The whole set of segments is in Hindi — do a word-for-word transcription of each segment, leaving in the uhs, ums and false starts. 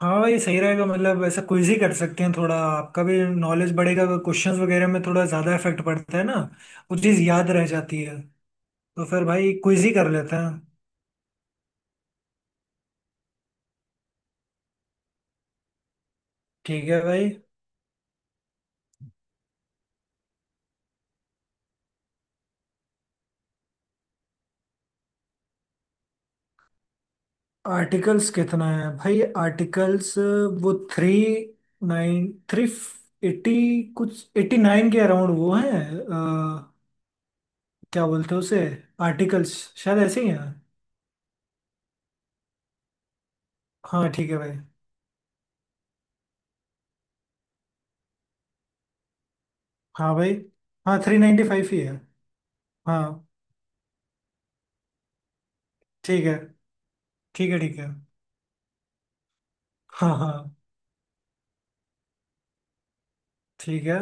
हाँ भाई, सही रहेगा। मतलब ऐसा क्विज ही कर सकते हैं, थोड़ा आपका भी नॉलेज बढ़ेगा। क्वेश्चंस वगैरह में थोड़ा ज़्यादा इफेक्ट पड़ता है ना, वो चीज़ याद रह जाती है। तो फिर भाई क्विज ही कर लेते हैं। ठीक है भाई। आर्टिकल्स कितना है भाई? आर्टिकल्स वो थ्री, नाइन थ्री, एटी, कुछ एटी नाइन के अराउंड वो है। क्या बोलते हैं उसे? आर्टिकल्स, शायद ऐसे ही है। हाँ, ठीक है भाई। हाँ भाई। हाँ, थ्री नाइन्टी फाइव ही है। हाँ। ठीक है। ठीक है, ठीक है। हाँ हाँ। ठीक है।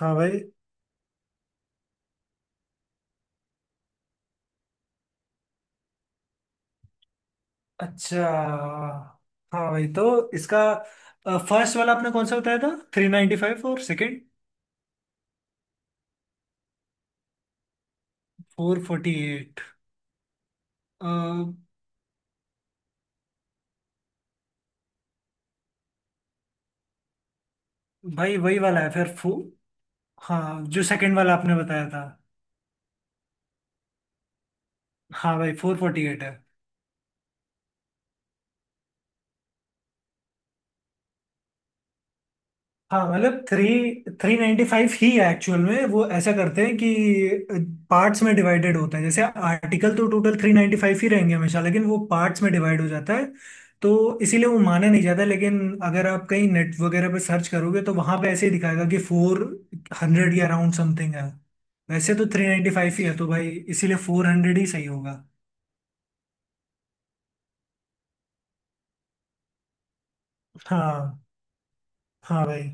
हाँ भाई। अच्छा। हाँ भाई, तो इसका फर्स्ट वाला आपने कौन सा बताया था, थ्री नाइन्टी फाइव? और सेकंड, फोर फोर्टी एट। भाई वही वाला है फिर फो हाँ, जो सेकंड वाला आपने बताया था। हाँ भाई, फोर फोर्टी एट है। हाँ मतलब थ्री थ्री नाइन्टी फाइव ही है एक्चुअल में। वो ऐसा करते हैं कि पार्ट्स में डिवाइडेड होता है। जैसे आर्टिकल तो टोटल थ्री नाइन्टी फाइव ही रहेंगे हमेशा, लेकिन वो पार्ट्स में डिवाइड हो जाता है, तो इसीलिए वो माना नहीं जाता। लेकिन अगर आप कहीं नेट वगैरह पे सर्च करोगे, तो वहां पे ऐसे ही दिखाएगा कि फोर हंड्रेड या अराउंड समथिंग है। वैसे तो थ्री नाइन्टी फाइव ही है, तो भाई इसीलिए फोर हंड्रेड ही सही होगा। हाँ। हाँ भाई।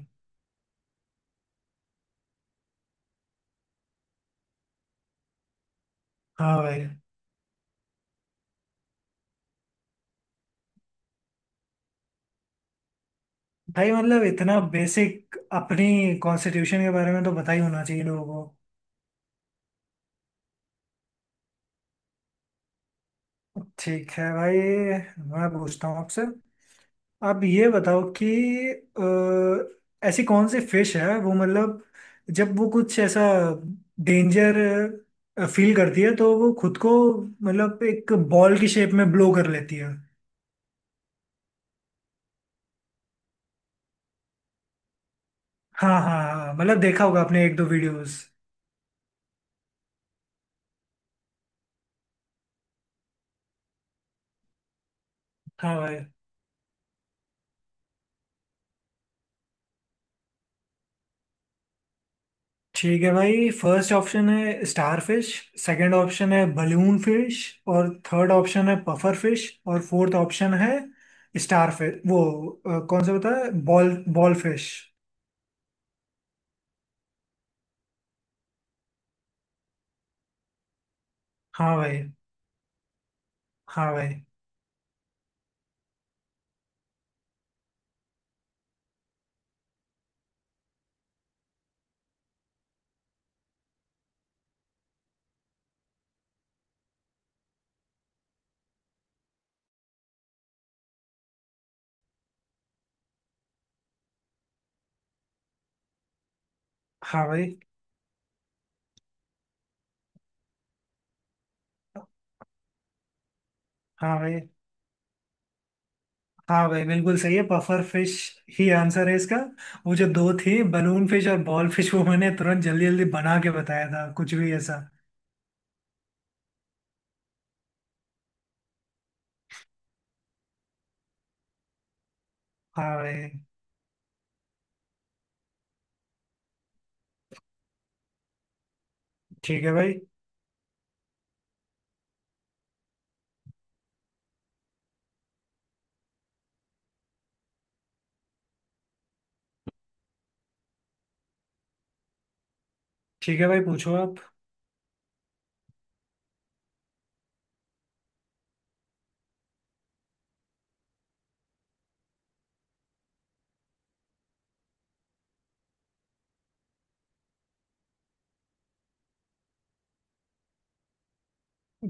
हाँ भाई। भाई मतलब इतना बेसिक अपनी कॉन्स्टिट्यूशन के बारे में तो पता ही होना चाहिए लोगों को। ठीक है भाई। मैं पूछता हूँ आपसे। आप ये बताओ कि अ, ऐसी कौन सी फिश है वो, मतलब जब वो कुछ ऐसा डेंजर फील करती है, तो वो खुद को मतलब एक बॉल की शेप में ब्लो कर लेती है। हाँ हाँ हाँ, मतलब देखा होगा आपने एक दो वीडियोस। हाँ भाई। ठीक है भाई। फर्स्ट ऑप्शन है स्टार फिश। सेकंड ऑप्शन है बलून फिश। और थर्ड ऑप्शन है पफर फिश। और फोर्थ ऑप्शन है स्टार फिश। वो अ, कौन सा बताया, बॉल, बॉल फिश। हाँ भाई। हाँ भाई। हाँ भाई। हाँ भाई। हाँ भाई, बिल्कुल सही है। पफर फिश ही आंसर है इसका। वो जो दो थी, बलून फिश और बॉल फिश, वो मैंने तुरंत जल्दी जल्दी बना के बताया था, कुछ भी ऐसा। हाँ भाई। ठीक है भाई। ठीक है भाई, पूछो आप।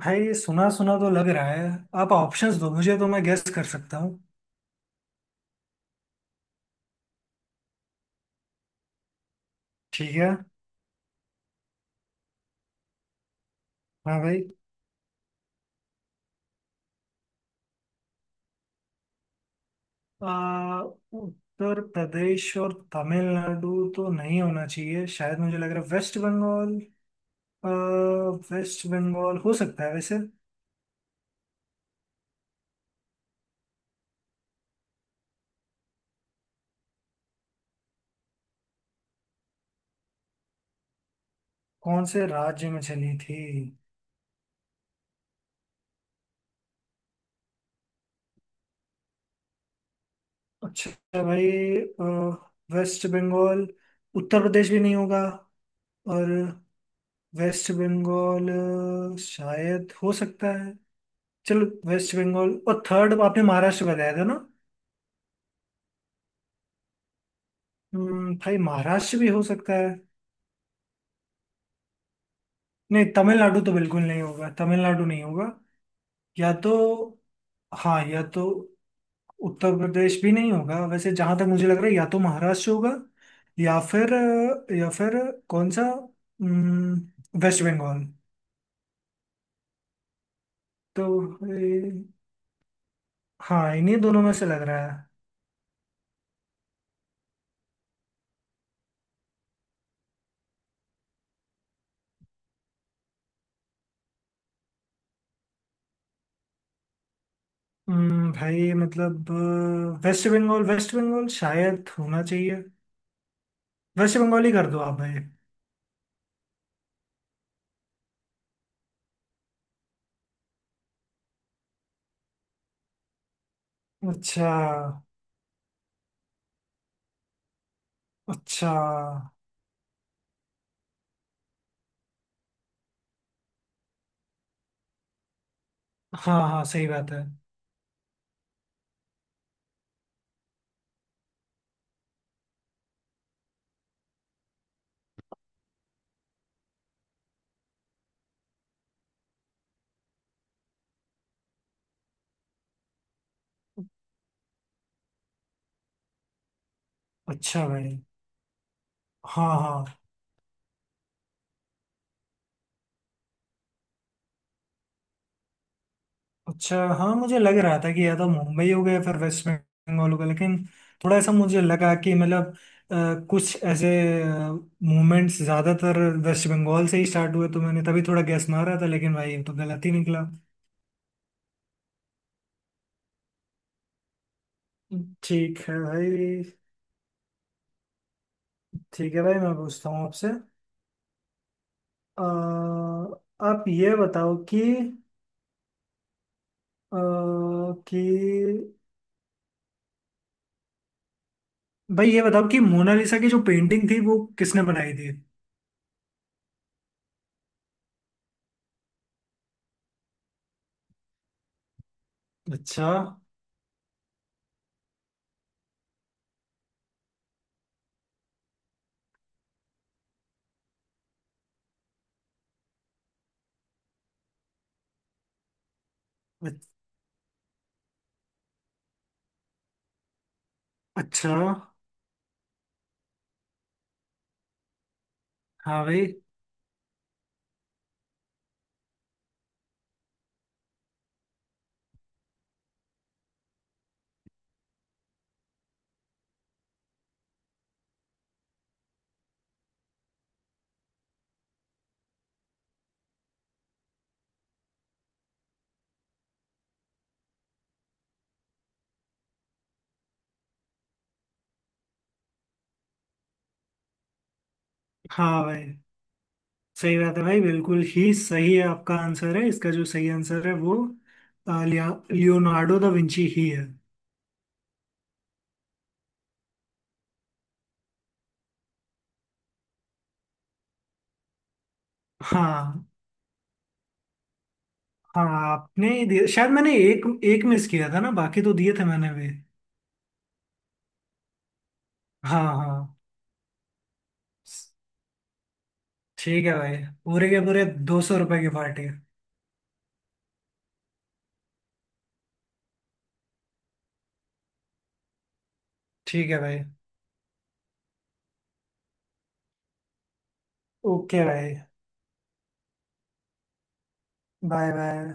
भाई, सुना सुना तो लग रहा है। आप ऑप्शंस दो मुझे, तो मैं गेस कर सकता हूँ। ठीक है। हाँ भाई। आ, उत्तर प्रदेश और तमिलनाडु तो नहीं होना चाहिए। शायद मुझे लग रहा है वेस्ट बंगाल। आ, वेस्ट बंगाल हो सकता है वैसे। कौन से राज्य में चली थी? अच्छा भाई। अ, वेस्ट बंगाल। उत्तर प्रदेश भी नहीं होगा। और वेस्ट बंगाल अ, शायद हो सकता है। चलो, वेस्ट बंगाल। और थर्ड आपने महाराष्ट्र बताया था ना? हम्म, भाई महाराष्ट्र भी हो सकता है। नहीं, तमिलनाडु तो बिल्कुल नहीं होगा। तमिलनाडु नहीं होगा। या तो, हाँ, या तो उत्तर प्रदेश भी नहीं होगा वैसे, जहां तक मुझे लग रहा है। या तो महाराष्ट्र होगा, या फिर अ, या फिर कौन सा? हम्म, वेस्ट बंगाल। तो भाई, हाँ, इन्हीं दोनों में से लग रहा है। हम्म, भाई मतलब अ, वेस्ट बंगाल, वेस्ट बंगाल शायद होना चाहिए। वेस्ट बंगाल ही कर दो आप भाई। अच्छा। अच्छा। हाँ हाँ, सही बात है। अच्छा भाई। हाँ हाँ। अच्छा, हाँ, मुझे लग रहा था कि या तो मुंबई हो गया, फिर वेस्ट बंगाल हो गया। लेकिन थोड़ा ऐसा मुझे लगा कि मतलब अ, कुछ ऐसे मूवमेंट्स ज़्यादातर वेस्ट बंगाल से ही स्टार्ट हुए, तो मैंने तभी थोड़ा गैस मारा था। लेकिन भाई ये तो गलत ही निकला। ठीक है भाई। ठीक है भाई, मैं पूछता हूँ आपसे। अ, आप ये बताओ कि अ, कि भाई ये बताओ कि मोनालिसा की जो पेंटिंग थी वो किसने बनाई थी। अच्छा। अच- अच्छा। हाँ भाई। हाँ भाई। सही बात है भाई, बिल्कुल ही सही है आपका आंसर। है इसका जो सही आंसर है वो, अ, लिया लियोनार्डो दा विंची ही है। हाँ। हाँ, आपने ही दिया। शायद मैंने एक एक मिस किया था ना, बाकी तो दिए थे मैंने भी। हाँ हाँ। ठीक है भाई। पूरे के पूरे दो सौ रुपए की पार्टी। ठीक है भाई। ओके भाई। Bye bye.